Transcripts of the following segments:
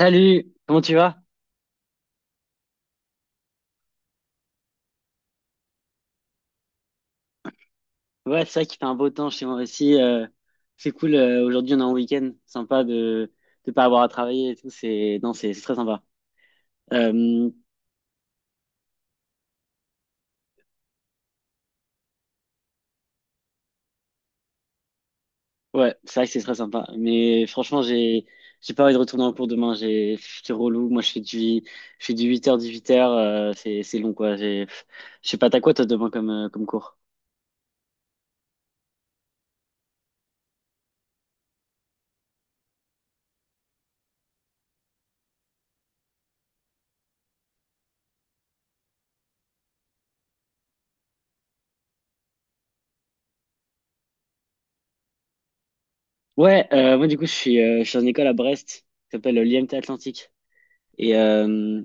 Salut, comment tu vas? Ouais, c'est vrai qu'il fait un beau temps chez moi aussi. C'est cool. Aujourd'hui, on est en week-end. Sympa de pas avoir à travailler et tout. C'est non, c'est très sympa. Euh, ouais, c'est vrai que c'est très sympa. Mais franchement, j'ai pas envie de retourner en cours demain. J'ai C'est relou. Moi, je fais du 8h 18h. C'est long quoi. J'ai Je sais pas t'as quoi toi demain comme cours? Ouais, moi du coup, je suis en école à Brest, qui s'appelle l'IMT Atlantique. Et euh,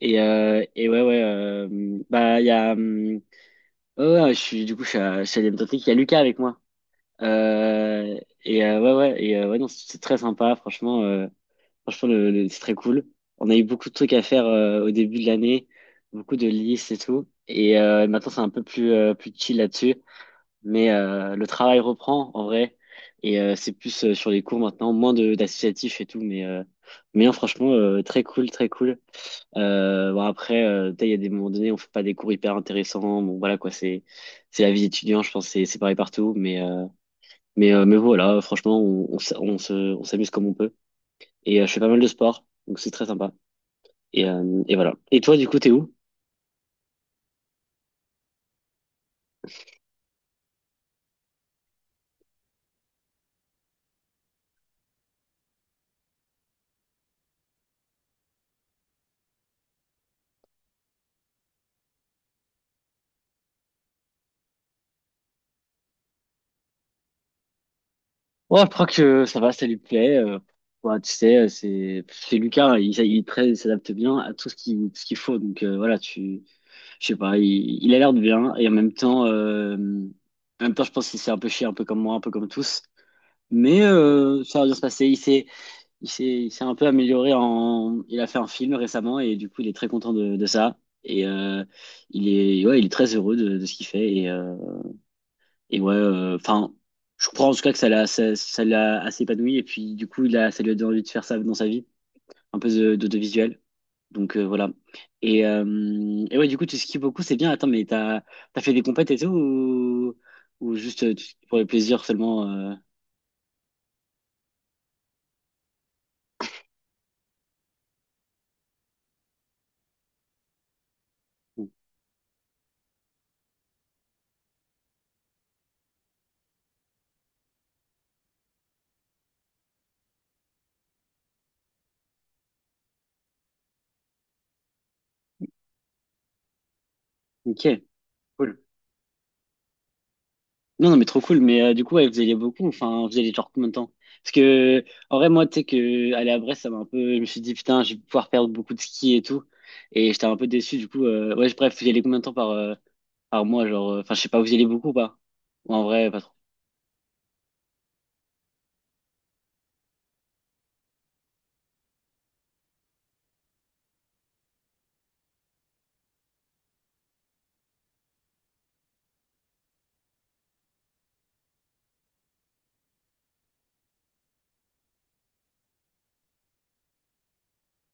et ouais, ouais, bah, il y a, ouais, ouais, je suis, du coup, je suis à l'MTT, il y a Lucas avec moi. Ouais, ouais, ouais, non, c'est très sympa, franchement, c'est très cool. On a eu beaucoup de trucs à faire au début de l'année, beaucoup de listes et tout. Maintenant, c'est un peu plus chill là-dessus. Mais le travail reprend, en vrai. Et c'est plus sur les cours maintenant, moins de d'associatifs et tout. Mais non, franchement, très cool, très cool. Bon après, tu sais, il y a des moments donnés, on fait pas des cours hyper intéressants. Bon voilà quoi, c'est la vie d'étudiant, je pense, c'est pareil partout. Mais voilà, franchement, on s'amuse comme on peut. Et je fais pas mal de sport, donc c'est très sympa. Et voilà. Et toi, du coup, t'es où? Oh, je crois que ça va, ça lui plaît. Bah, tu sais, c'est Lucas, il est très, il s'adapte bien à tout ce qu'il faut. Donc voilà, tu je sais pas, il a l'air de bien et en même temps. En même temps, je pense qu'il s'est un peu chié, un peu comme moi, un peu comme tous. Mais ça va bien se passer. Il s'est un peu amélioré en. Il a fait un film récemment et du coup, il est très content de ça. Et euh, ouais, il est très heureux de ce qu'il fait. Et ouais, enfin, je comprends en tout cas que ça l'a assez épanoui. Et puis, du coup, ça lui a donné envie de faire ça dans sa vie, un peu d'autovisuel. Donc voilà. Et, euh, et ouais, du coup, tu skis beaucoup, c'est bien. Attends, mais t'as fait des compètes et tout ou juste pour le plaisir seulement Ok, cool. Non, non, mais trop cool. Mais du coup, ouais, vous alliez beaucoup. Enfin, vous alliez genre combien de temps? Parce que, en vrai, moi, tu sais que aller à Brest, ça m'a un peu. Je me suis dit, putain, je vais pouvoir perdre beaucoup de ski et tout. Et j'étais un peu déçu. Du coup, ouais, bref, vous y allez combien de temps par mois? Genre, enfin, je sais pas, vous y allez beaucoup ou pas? Ou en vrai, pas trop.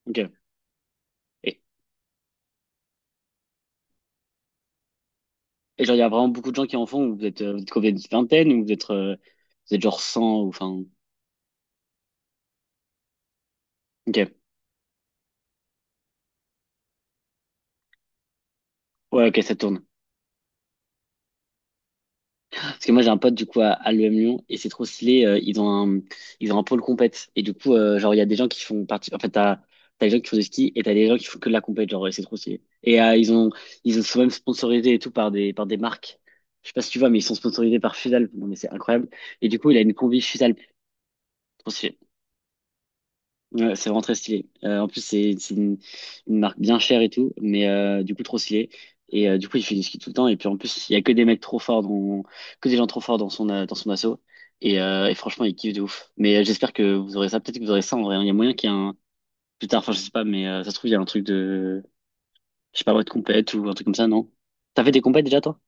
Ok. Et, et genre, il y a vraiment beaucoup de gens qui en font. Ou vous êtes combien? Une vingtaine? Ou vous êtes genre 100. Ou enfin. Ok. Ouais, ok, ça tourne. Parce que moi, j'ai un pote, du coup, à l'UM Lyon, et c'est trop stylé. Ils ont un pôle compète. Et du coup, genre, il y a des gens qui font partie. En fait, t'as des gens qui font du ski et t'as des gens qui font que de la compète. Genre, et c'est trop stylé. Ils sont même sponsorisés et tout par des marques. Je sais pas si tu vois, mais ils sont sponsorisés par Fusalp. Non, mais c'est incroyable. Et du coup, il a une combi Fusalp. Trop stylé. Ouais, c'est vraiment très stylé. En plus, c'est une marque bien chère et tout, mais du coup, trop stylé. Du coup, il fait du ski tout le temps. Et puis, en plus, il y a que des gens trop forts dans son assaut. Et franchement, il kiffe de ouf. Mais j'espère que vous aurez ça. Peut-être que vous aurez ça en vrai, hein. Il y a moyen qu'il y ait un. Plus tard, enfin, je sais pas, mais ça se trouve, il y a un truc de. Je sais pas, moi, de compète ou un truc comme ça, non? T'as fait des compètes déjà, toi?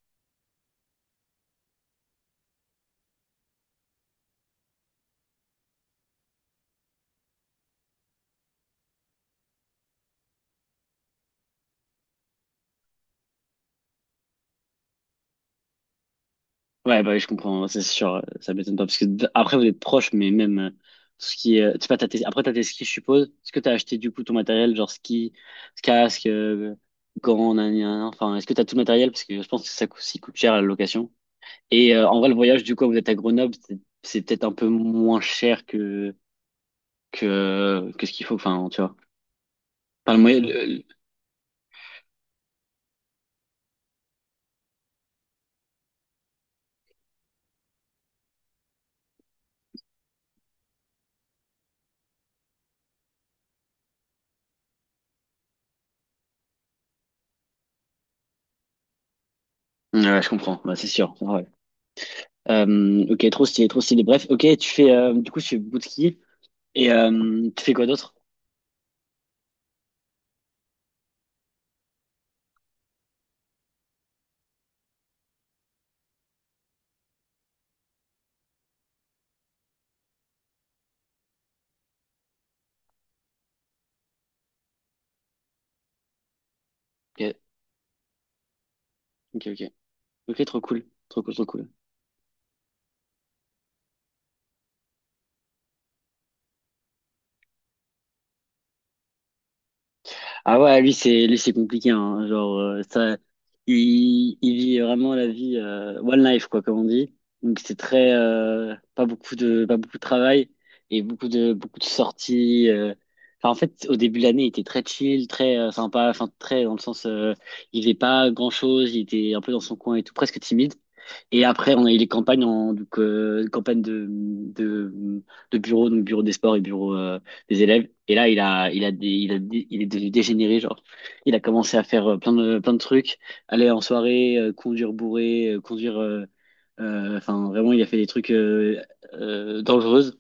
Ouais, bah, oui, je comprends, hein, c'est sûr, ça m'étonne pas, parce que après, vous êtes proches, mais même, ce qui est, tu sais pas, après, t'as tes skis, je suppose. Est-ce que t'as acheté, du coup, ton matériel, genre ski, casque, gants, nan, nan, nan, enfin, est-ce que t'as tout le matériel? Parce que je pense que ça coûte cher, la location. En vrai, le voyage, du coup, vous êtes à Grenoble, c'est peut-être un peu moins cher que ce qu'il faut, enfin, tu vois. Enfin, le moyen, ouais, je comprends, bah, c'est sûr, ouais. Ok, trop stylé, trop stylé. Bref, ok, du coup, tu fais bout de ski, tu fais quoi d'autre? Ok, ok, ok. Ok, trop cool. Trop cool, trop cool. Ah ouais, c'est lui, c'est compliqué, hein. Genre, il vit vraiment la vie one life, quoi, comme on dit. Donc, c'est très, pas beaucoup de travail et beaucoup de sorties. Enfin, en fait, au début de l'année, il était très chill, très sympa, enfin, très dans le sens, il faisait pas grand-chose, il était un peu dans son coin et tout, presque timide. Et après, on a eu les campagnes, donc campagne de bureau, donc bureau des sports et bureau des élèves. Et là, il est devenu dégénéré, genre. Il a commencé à faire plein de trucs, aller en soirée, conduire bourré, conduire. Enfin, vraiment, il a fait des trucs dangereuses,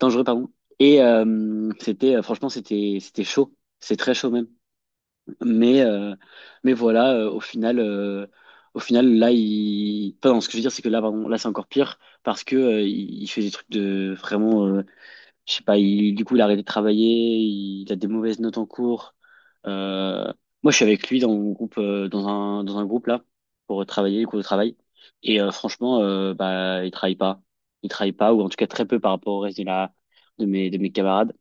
dangereux, pardon. Franchement, c'était chaud. C'est très chaud même. Mais, euh, mais voilà, au final, là, il. Pas ce que je veux dire, c'est que là, pardon, là, c'est encore pire parce que il fait des trucs de vraiment. Je sais pas, du coup, il a arrêté de travailler, il a des mauvaises notes en cours. Euh, Moi, je suis avec lui dans mon groupe, dans un groupe là, pour travailler, les cours de travail. Franchement, bah, il travaille pas. Il travaille pas, ou en tout cas très peu par rapport au reste de mes camarades.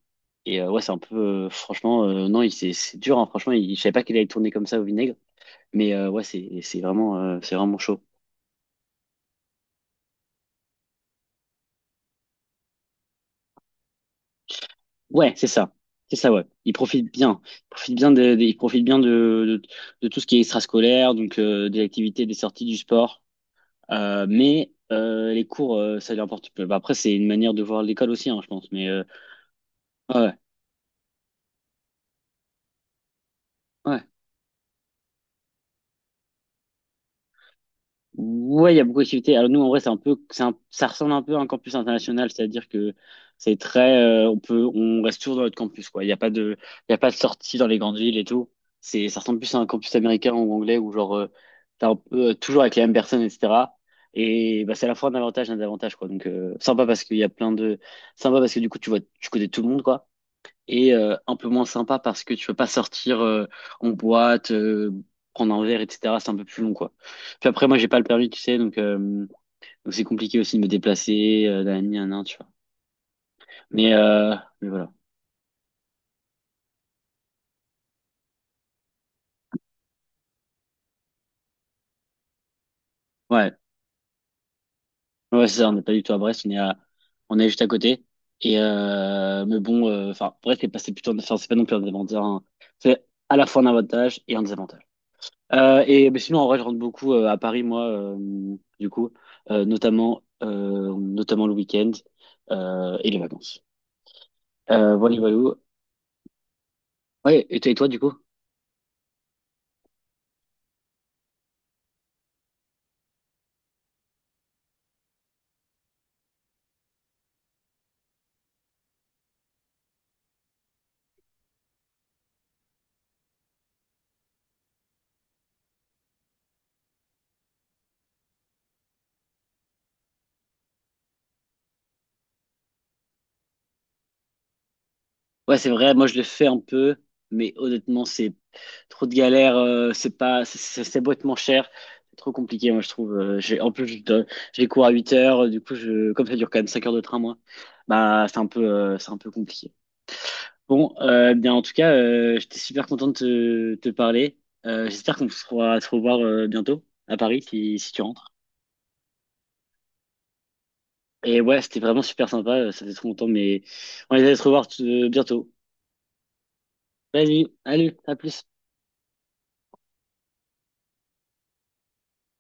Ouais, c'est un peu. Franchement, non, c'est dur, hein. Franchement, je savais pas qu'il allait tourner comme ça au vinaigre. Mais ouais, c'est vraiment chaud. Ouais, c'est ça. C'est ça, ouais. Il profite bien. Il profite bien de tout ce qui est extrascolaire, donc des activités, des sorties, du sport. Mais les cours, ça lui importe peu. Bah, après, c'est une manière de voir l'école aussi, hein, je pense. Mais ouais, ouais. Ouais, il y a beaucoup d'activités. Alors nous, en vrai, c'est un peu, c'est un- ça ressemble un peu à un campus international, c'est-à-dire que c'est très, on reste toujours dans notre campus, quoi. Il y a pas de, il y a pas de sortie dans les grandes villes et tout. Ça ressemble plus à un campus américain ou anglais où genre, t'es un peu, toujours avec les mêmes personnes, etc. Et bah, c'est à la fois un avantage et un désavantage, quoi. Donc sympa parce qu'il y a plein de, sympa parce que du coup, tu vois, tu connais tout le monde, quoi, et un peu moins sympa parce que tu peux pas sortir en boîte, prendre un verre, etc. C'est un peu plus long, quoi. Puis après, moi, j'ai pas le permis, tu sais, donc c'est compliqué aussi de me déplacer, nan, nan, nan, tu vois. Mais, euh, mais voilà. Ouais, ouais, c'est ça, on n'est pas du tout à Brest, on est juste à côté. Mais bon, enfin, Brest, c'est plutôt, enfin, c'est pas non plus un avantage, hein. C'est à la fois un avantage et un désavantage. Mais sinon, en vrai, je rentre beaucoup à Paris, moi, du coup, notamment le week-end et les vacances. Voilà, voilà. Ouais, et toi, du coup? Ouais, c'est vrai, moi, je le fais un peu, mais honnêtement, c'est trop de galère, c'est pas, c'est bêtement cher, c'est trop compliqué, moi, je trouve. En plus, j'ai cours à 8h, du coup, comme ça dure quand même 5 heures de train, moi, bah, c'est un peu compliqué. Bon, bien en tout cas, j'étais super content de te parler. J'espère qu'on pourra se revoir bientôt à Paris si tu rentres. Et ouais, c'était vraiment super sympa, ça fait trop longtemps, mais on va se revoir bientôt. Vas-y, allez, à plus.